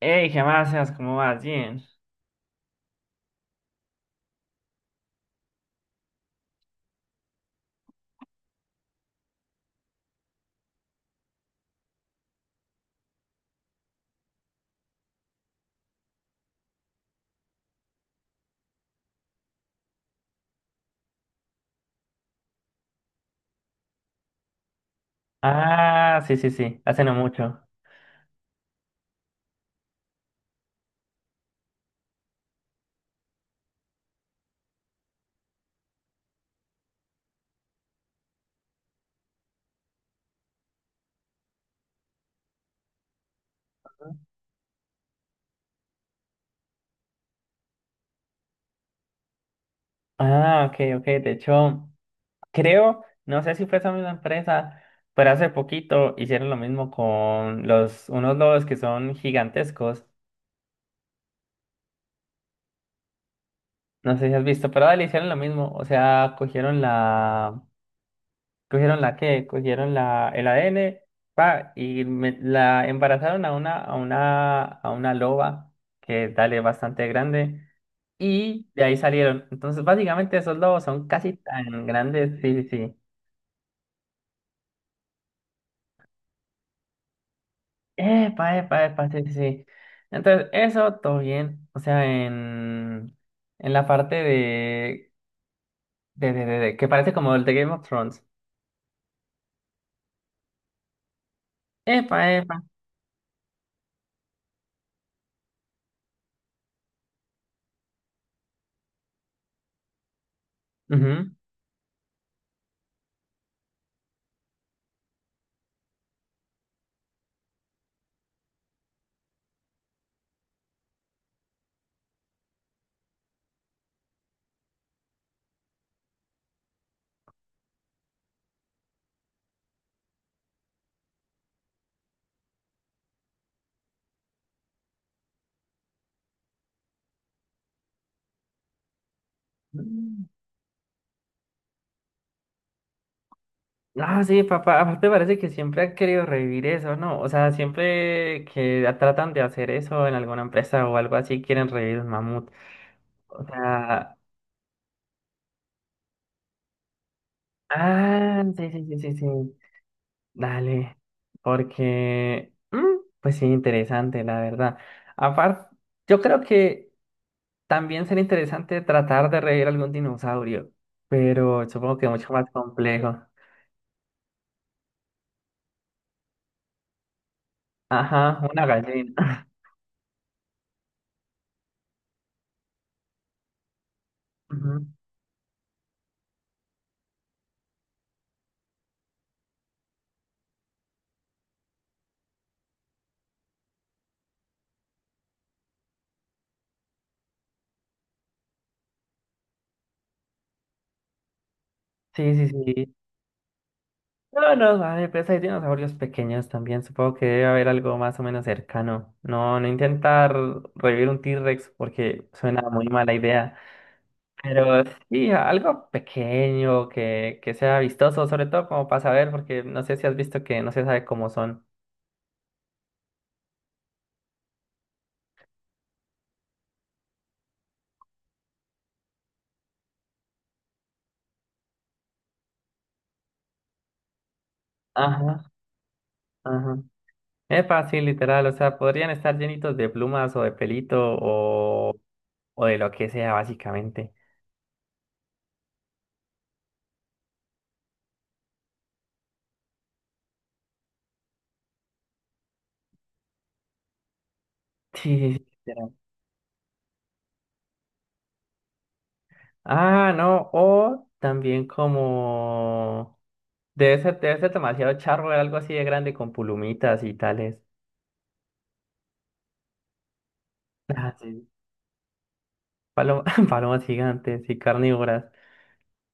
Hey, ¿qué más haces? ¿Cómo vas? Bien. Ah, sí, sí, sí, hace no mucho. Ah, ok, ok. De hecho, creo, no sé si fue esa misma empresa, pero hace poquito hicieron lo mismo con los unos lobos que son gigantescos. No sé si has visto, pero dale, hicieron lo mismo. O sea, cogieron la. ¿Cogieron la qué? Cogieron la, el ADN, pa, y la embarazaron a una, a una loba, que dale bastante grande, y de ahí salieron. Entonces, básicamente, esos lobos son casi tan grandes. Sí, sí, sí. Epa, epa, epa, sí, sí, sí. Entonces, eso todo bien. O sea, en la parte de, de- que parece como el de Game of Thrones. Epa, epa. Ujú. Mm. Ah, sí, papá, aparte parece que siempre han querido revivir eso, ¿no? O sea, siempre que tratan de hacer eso en alguna empresa o algo así, quieren revivir un mamut. O sea, ah, sí, sí, sí, sí, sí, dale, porque, pues sí, interesante, la verdad. Aparte, yo creo que también sería interesante tratar de revivir algún dinosaurio, pero supongo que mucho más complejo. Ajá, una gallina. Ujú. Sí, sí, sí. No, no, hay, pues hay dinosaurios pequeños también. Supongo que debe haber algo más o menos cercano. No, no intentar revivir un T-Rex porque suena muy mala idea. Pero sí, algo pequeño que sea vistoso, sobre todo como para saber, porque no sé si has visto que no se sabe cómo son. Ajá, ajá. Es fácil, literal. O sea, podrían estar llenitos de plumas o de pelito o de lo que sea, básicamente. Sí, sí, sí, literal. Ah, no, o también como... debe ser demasiado charro ver algo así de grande con pulumitas y tales. Ah, sí. Paloma- palomas gigantes y carnívoras.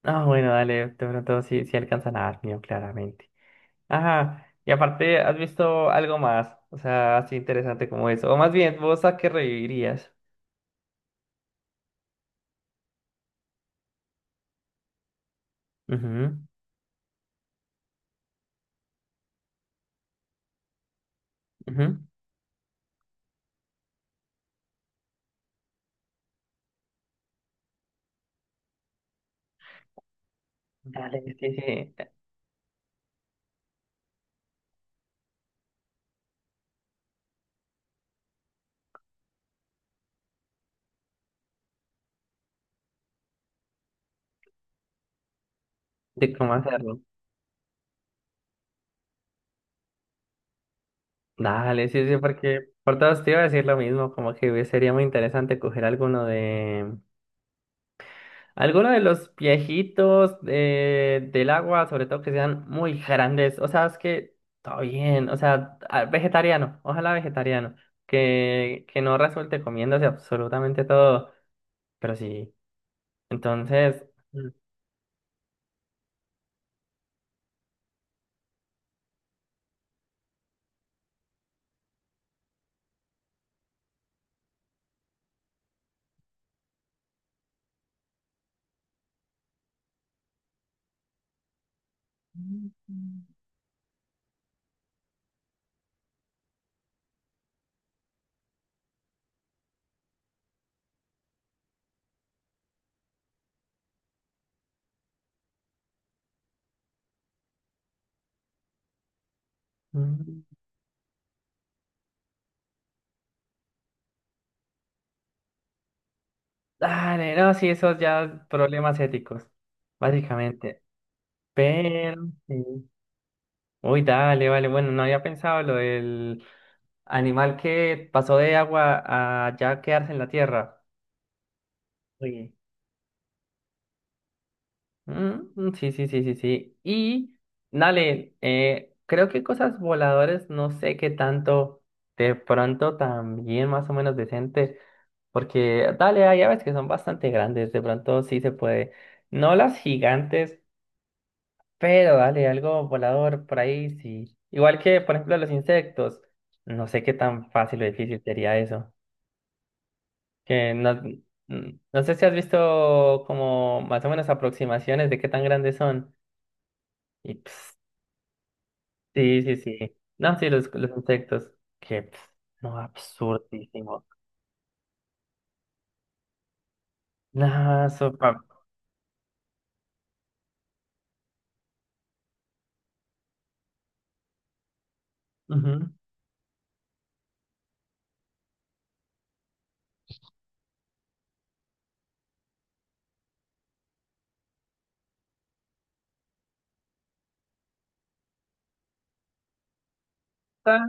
Ah, bueno, dale, de pronto sí, sí alcanzan a dar miedo, claramente. Ajá, y aparte, ¿has visto algo más? O sea, así interesante como eso. O más bien, ¿vos a qué revivirías? Ujú, ujú. Dale, sí, sí. De cómo hacerlo. Dale, sí, sí, porque por todos te iba a decir lo mismo, como que sería muy interesante coger alguno de los viejitos de, del agua, sobre todo que sean muy grandes. O sea, es que todo bien, o sea, a- vegetariano, ojalá vegetariano, que no resulte comiéndose absolutamente todo, pero sí. Entonces, mm, mm, dale, no, sí, esos ya problemas éticos, básicamente. Pero sí. Uy, dale, vale. Bueno, no había pensado lo del animal que pasó de agua a ya quedarse en la tierra. Oye, mm, mm, sí, sí, sí, sí, sí. Y, dale, creo que cosas voladoras, no sé qué tanto, de pronto también más o menos decente, porque, dale, hay aves que son bastante grandes, de pronto sí se puede. No las gigantes, pero dale, algo volador por ahí, sí. Igual que, por ejemplo, los insectos. No sé qué tan fácil o difícil sería eso. Que no, no sé si has visto como más o menos aproximaciones de qué tan grandes son. Y pss, sí, sí, sí. No, sí, los insectos. Que pss, no, absurdísimo. No, sopa. Ujú. Ay,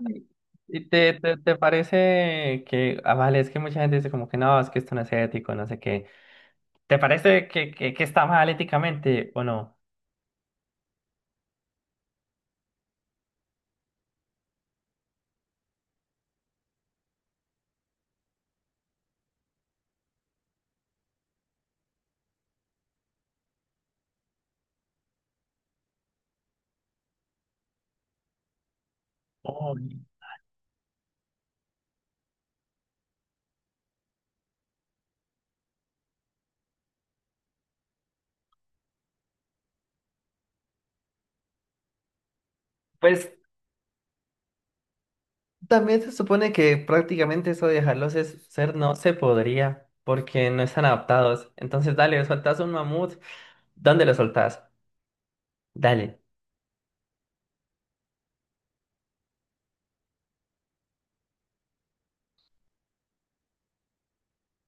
¿y te parece que, ah, vale, es que mucha gente dice como que no, es que esto no es ético, no sé qué. ¿Te parece que, que está mal éticamente o no? Oh, pues también se supone que prácticamente eso de dejarlos es- ser no se podría porque no están adaptados. Entonces, dale, soltás un mamut. ¿Dónde lo soltás? Dale.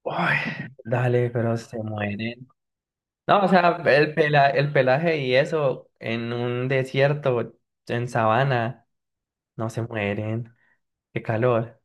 Ay, dale, pero se mueren. No, o sea, el pela- el pelaje y eso en un desierto, en sabana, no se mueren. Qué calor.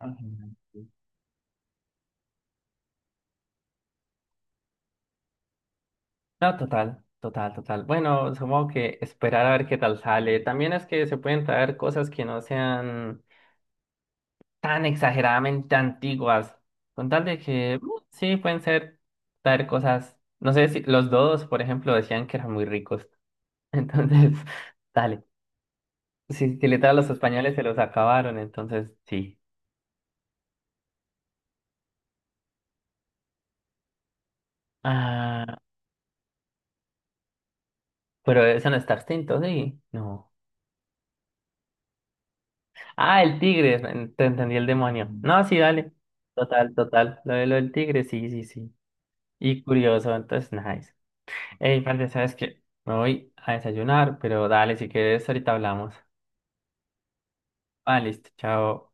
Ajá. No, total, total, total. Bueno, supongo que esperar a ver qué tal sale. También es que se pueden traer cosas que no sean tan exageradamente antiguas. Con tal de que sí pueden ser traer cosas. No sé si los dos, por ejemplo, decían que eran muy ricos. Entonces, dale. Si, si literal los españoles se los acabaron, entonces sí. Ah, pero eso no está extinto, sí. No. Ah, el tigre, en- te entendí el demonio. No, sí, dale. Total, total. Lo de lo del tigre, sí, sí, sí. Y curioso, entonces, nice. Ey, parce, ¿sabes qué? Me voy a desayunar, pero dale, si quieres, ahorita hablamos. Ah, listo, chao.